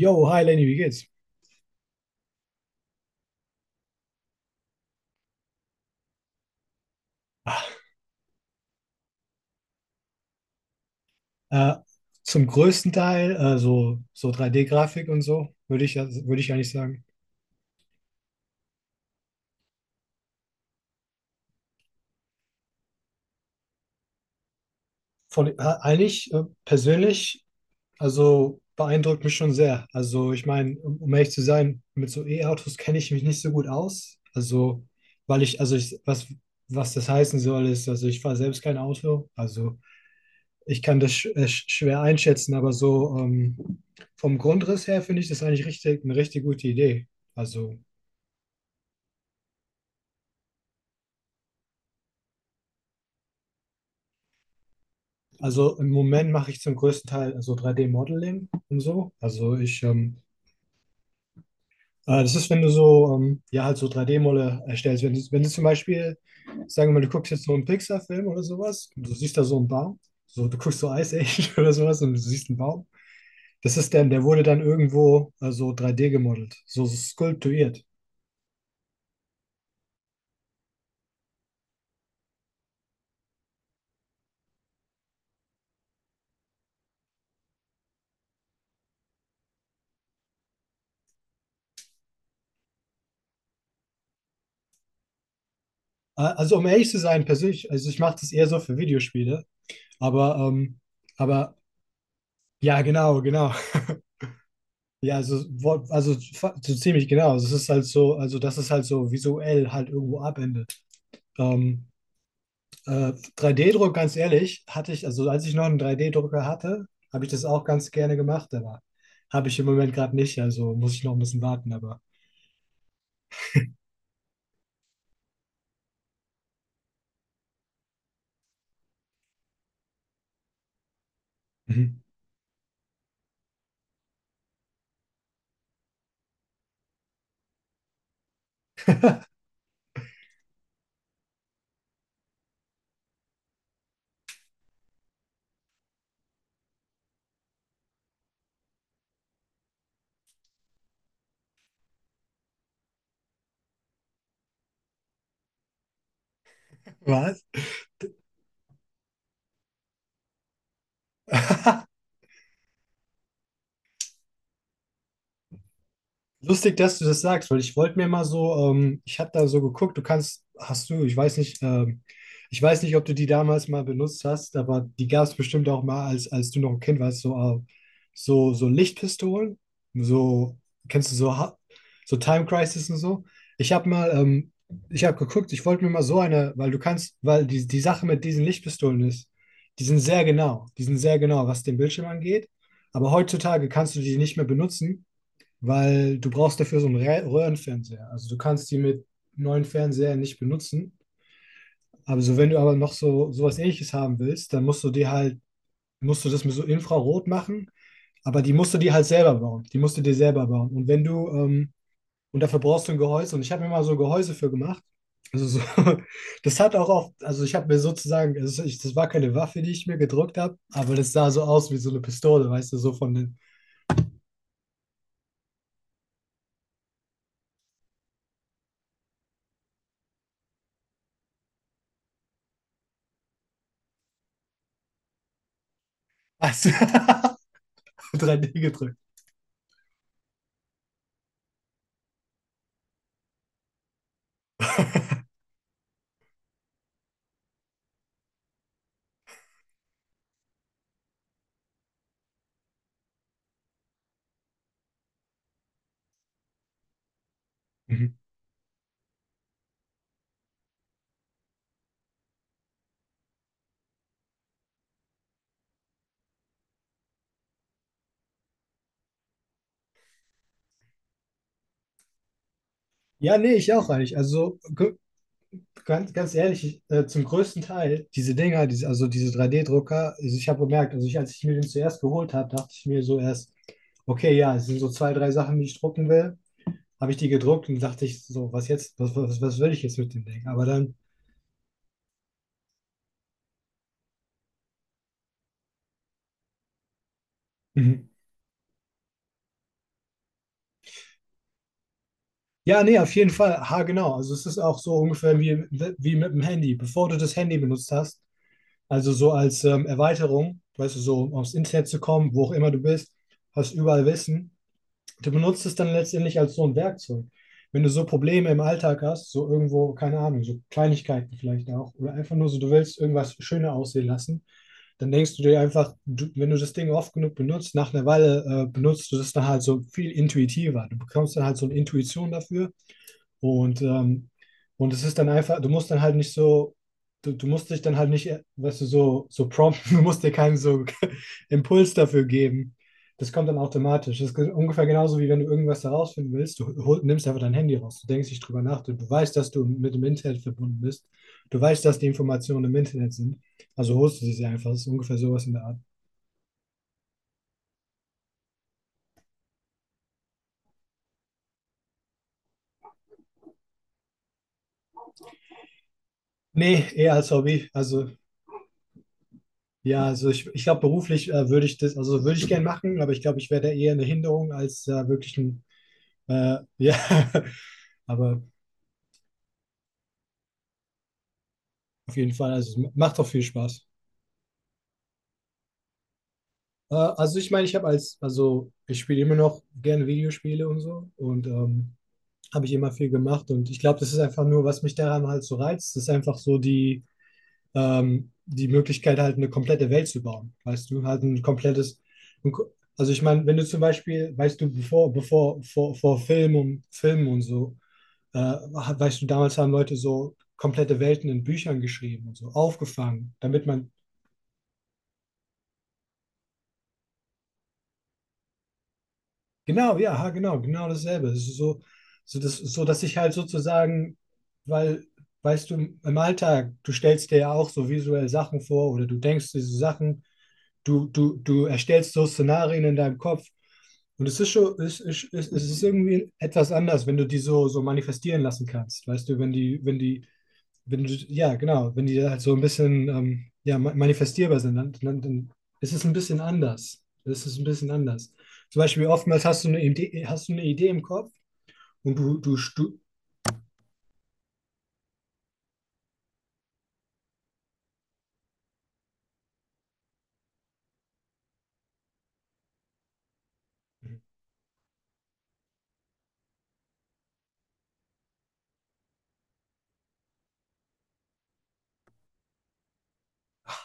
Yo, hi Lenny, wie geht's? Ah, Äh, Zum größten Teil so 3D-Grafik und so, würde ich, würde ich eigentlich sagen. Von, äh, Eigentlich persönlich, also beeindruckt mich schon sehr. Also ich meine, um ehrlich zu sein, mit so E-Autos kenne ich mich nicht so gut aus. Also, weil ich, also ich, was, was das heißen soll, ist, also ich fahre selbst kein Auto. Also ich kann das schwer einschätzen, aber so vom Grundriss her finde ich das eigentlich eine richtig gute Idee. Also. Also im Moment mache ich zum größten Teil so drei d modeling und so. Das ist, wenn du so, halt so drei d modelle erstellst. Wenn du zum Beispiel, sagen wir mal, du guckst jetzt so einen Pixar-Film oder sowas und du siehst da so einen Baum, so, du guckst so Ice Age oder sowas und du siehst einen Baum. Das ist dann, der wurde dann irgendwo so drei d gemodelt, so so skulpturiert. Also um ehrlich zu sein, persönlich, also ich mache das eher so für Videospiele, aber, ähm, aber ja, genau, genau. Ja, also, so ziemlich genau. Also, es ist halt so, also das ist halt so visuell halt irgendwo abendet. Ähm, 3D-Druck, ganz ehrlich, hatte ich, also als ich noch einen 3D-Drucker hatte, habe ich das auch ganz gerne gemacht, aber habe ich im Moment gerade nicht, also muss ich noch ein bisschen warten, aber. Mhm. Was? Lustig, dass du das sagst, weil ich wollte mir mal so, ich habe da so geguckt, du kannst, hast du, ich weiß nicht, ob du die damals mal benutzt hast, aber die gab es bestimmt auch mal, als du noch ein Kind warst, so, so Lichtpistolen, so, kennst du so, Ha- so Time Crisis und so. Ich habe mal, ähm, Ich habe geguckt, ich wollte mir mal so eine, weil du kannst, die Sache mit diesen Lichtpistolen ist, die sind sehr genau, was den Bildschirm angeht, aber heutzutage kannst du die nicht mehr benutzen, weil du brauchst dafür so einen Röhrenfernseher. Also du kannst die mit neuen Fernsehern nicht benutzen. Aber so, wenn du aber noch so sowas Ähnliches haben willst, dann musst du das mit so Infrarot machen. Aber die musst du dir halt selber bauen. Die musst du dir selber bauen. Und wenn du, und dafür brauchst du ein Gehäuse. Und ich habe mir mal so ein Gehäuse für gemacht. Also so, das hat auch oft, also ich habe mir sozusagen, also ich, das war keine Waffe, die ich mir gedruckt habe, aber das sah so aus wie so eine Pistole, weißt du, so von den, also, 3D gedrückt. Mhm. Ja, nee, ich auch eigentlich. Ganz, ganz ehrlich, ich, zum größten Teil, also diese drei d drucker, ich habe gemerkt, also ich, als ich mir den zuerst geholt habe, dachte ich mir so erst, okay, ja, es sind so zwei, drei Sachen, die ich drucken will. Habe ich die gedruckt und dachte ich so, was jetzt, was will ich jetzt mit dem Ding? Aber dann, mhm, ja, nee, auf jeden Fall, ha, genau. Also es ist auch so ungefähr wie, wie mit dem Handy. Bevor du das Handy benutzt hast, also so als Erweiterung, weißt du, so um aufs Internet zu kommen, wo auch immer du bist, hast überall Wissen. Du benutzt es dann letztendlich als so ein Werkzeug. Wenn du so Probleme im Alltag hast, so irgendwo, keine Ahnung, so Kleinigkeiten vielleicht auch, oder einfach nur so, du willst irgendwas schöner aussehen lassen, dann denkst du dir einfach, du, wenn du das Ding oft genug benutzt, nach einer Weile benutzt du das dann halt so viel intuitiver. Du bekommst dann halt so eine Intuition dafür und, ähm, und es ist dann einfach, du musst dann halt nicht so, du musst dich dann halt nicht, weißt du, so prompten, du musst dir keinen so Impuls dafür geben. Das kommt dann automatisch. Das ist ungefähr genauso, wie wenn du irgendwas herausfinden willst, nimmst einfach dein Handy raus, du denkst nicht drüber nach, du weißt, dass du mit dem Internet verbunden bist, du weißt, dass die Informationen im Internet sind, also holst du sie einfach. Das ist ungefähr sowas in der Art. Nee, eher als Hobby. Also ja, also ich glaube, beruflich würde ich das, also würde ich gern machen, aber ich glaube, ich wäre da eher eine Hinderung als wirklich ein, ja, aber auf jeden Fall, also macht doch viel Spaß. Also ich meine, also ich spiele immer noch gerne Videospiele und so und habe ich immer viel gemacht und ich glaube, das ist einfach nur, was mich daran halt so reizt, das ist einfach so die, die Möglichkeit, halt eine komplette Welt zu bauen. Weißt du, halt ein komplettes, also ich meine, wenn du zum Beispiel, weißt du, vor Film und Filmen und so, weißt du, damals haben Leute so komplette Welten in Büchern geschrieben und so, aufgefangen, damit man, genau, ja, ha, genau, genau dasselbe. Es ist so, so, das, so, Dass ich halt sozusagen, weil, weißt du, im Alltag, du stellst dir ja auch so visuell Sachen vor oder du denkst diese Sachen, du erstellst so Szenarien in deinem Kopf. Und es ist schon, es ist irgendwie etwas anders, wenn du die so, so manifestieren lassen kannst. Weißt du, wenn die, wenn du, ja, genau, wenn die halt so ein bisschen ja, manifestierbar sind, dann ist es ein bisschen anders. Es ist ein bisschen anders. Zum Beispiel oftmals hast du eine Idee, hast du eine Idee im Kopf und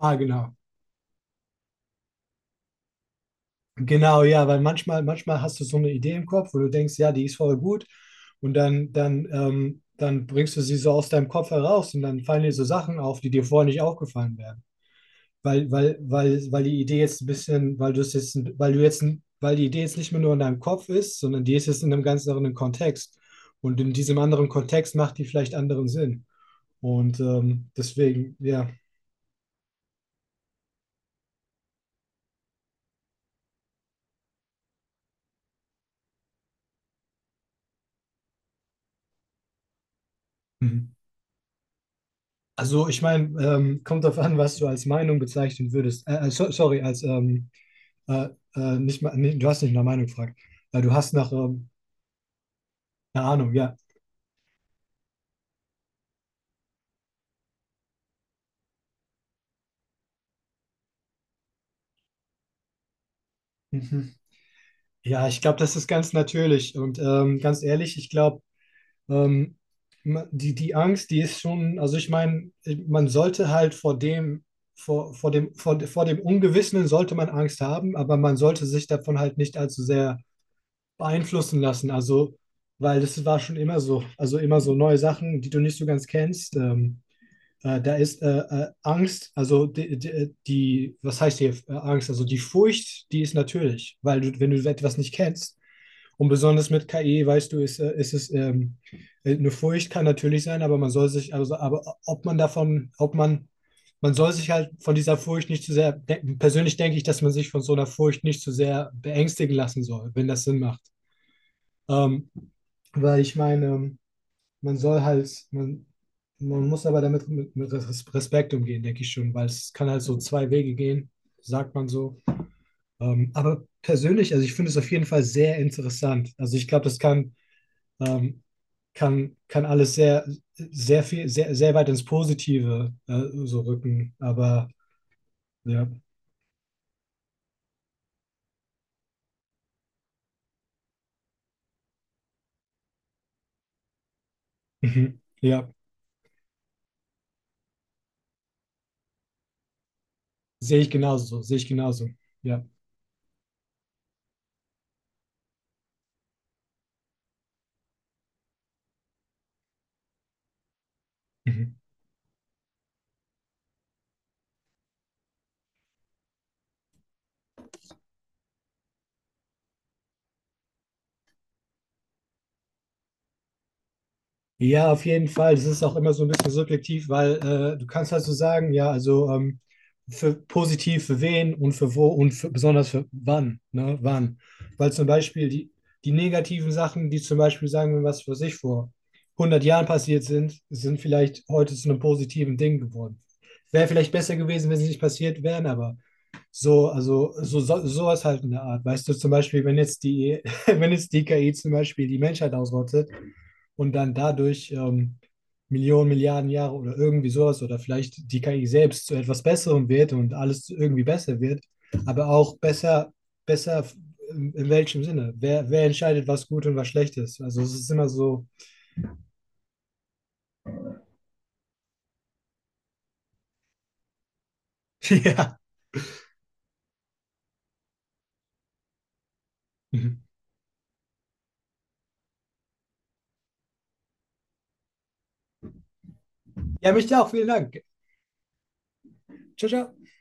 ah, genau. Genau, ja, weil manchmal, manchmal hast du so eine Idee im Kopf, wo du denkst, ja, die ist voll gut und dann bringst du sie so aus deinem Kopf heraus und dann fallen dir so Sachen auf, die dir vorher nicht aufgefallen wären. Weil die Idee jetzt ein bisschen, weil du jetzt, weil die Idee jetzt nicht mehr nur in deinem Kopf ist, sondern die ist jetzt in einem ganz anderen Kontext. Und in diesem anderen Kontext macht die vielleicht anderen Sinn. Und deswegen, ja. Mhm. Also ich meine, kommt darauf an, was du als Meinung bezeichnen würdest. So, sorry, als Äh, nicht mal, nee, du hast nicht nach Meinung gefragt. Du hast nach, eine Ahnung, ja. Mhm. Ja, ich glaube, das ist ganz natürlich. Und ganz ehrlich, ich glaube, ähm, die, die Angst, die ist schon, also ich meine, man sollte halt vor dem, vor dem Ungewissen sollte man Angst haben, aber man sollte sich davon halt nicht allzu sehr beeinflussen lassen. Also, weil das war schon immer so, also immer so neue Sachen, die du nicht so ganz kennst. Da ist Angst, also die, was heißt hier Angst? Also die Furcht, die ist natürlich, weil du, wenn du etwas nicht kennst, und besonders mit KI, weißt du, ist, ist es eine Furcht kann natürlich sein, aber man soll sich, also, aber ob man davon, ob man soll sich halt von dieser Furcht nicht zu sehr, de persönlich denke ich, dass man sich von so einer Furcht nicht zu sehr beängstigen lassen soll, wenn das Sinn macht. Ähm, Weil ich meine, man soll halt, man muss aber damit mit Respekt umgehen, denke ich schon, weil es kann halt so zwei Wege gehen, sagt man so. Aber persönlich, also ich finde es auf jeden Fall sehr interessant. Also ich glaube, ähm, kann alles sehr, sehr viel, sehr, sehr weit ins Positive so rücken. Aber ja, mhm, ja, sehe ich genauso, sehe ich genauso. Ja. Mhm. Ja, auf jeden Fall. Das ist auch immer so ein bisschen subjektiv, weil du kannst halt so sagen, ja, also für positiv für wen und für wo und für, besonders für wann, ne, wann. Weil zum Beispiel die, die negativen Sachen, die zum Beispiel sagen wir was für sich vor 100 Jahren passiert sind, sind vielleicht heute zu einem positiven Ding geworden. Wäre vielleicht besser gewesen, wenn sie nicht passiert wären, aber so, sowas halt in der Art. Weißt du, zum Beispiel, wenn jetzt die, wenn jetzt die KI zum Beispiel die Menschheit ausrottet, und dann dadurch Millionen, Milliarden Jahre oder irgendwie sowas oder vielleicht die KI selbst zu etwas Besserem wird und alles irgendwie besser wird, aber auch besser, besser in welchem Sinne? Wer, wer entscheidet, was gut und was schlecht ist? Also es ist immer so, ja. Ja, mich auch. Vielen Dank. Ciao, ciao.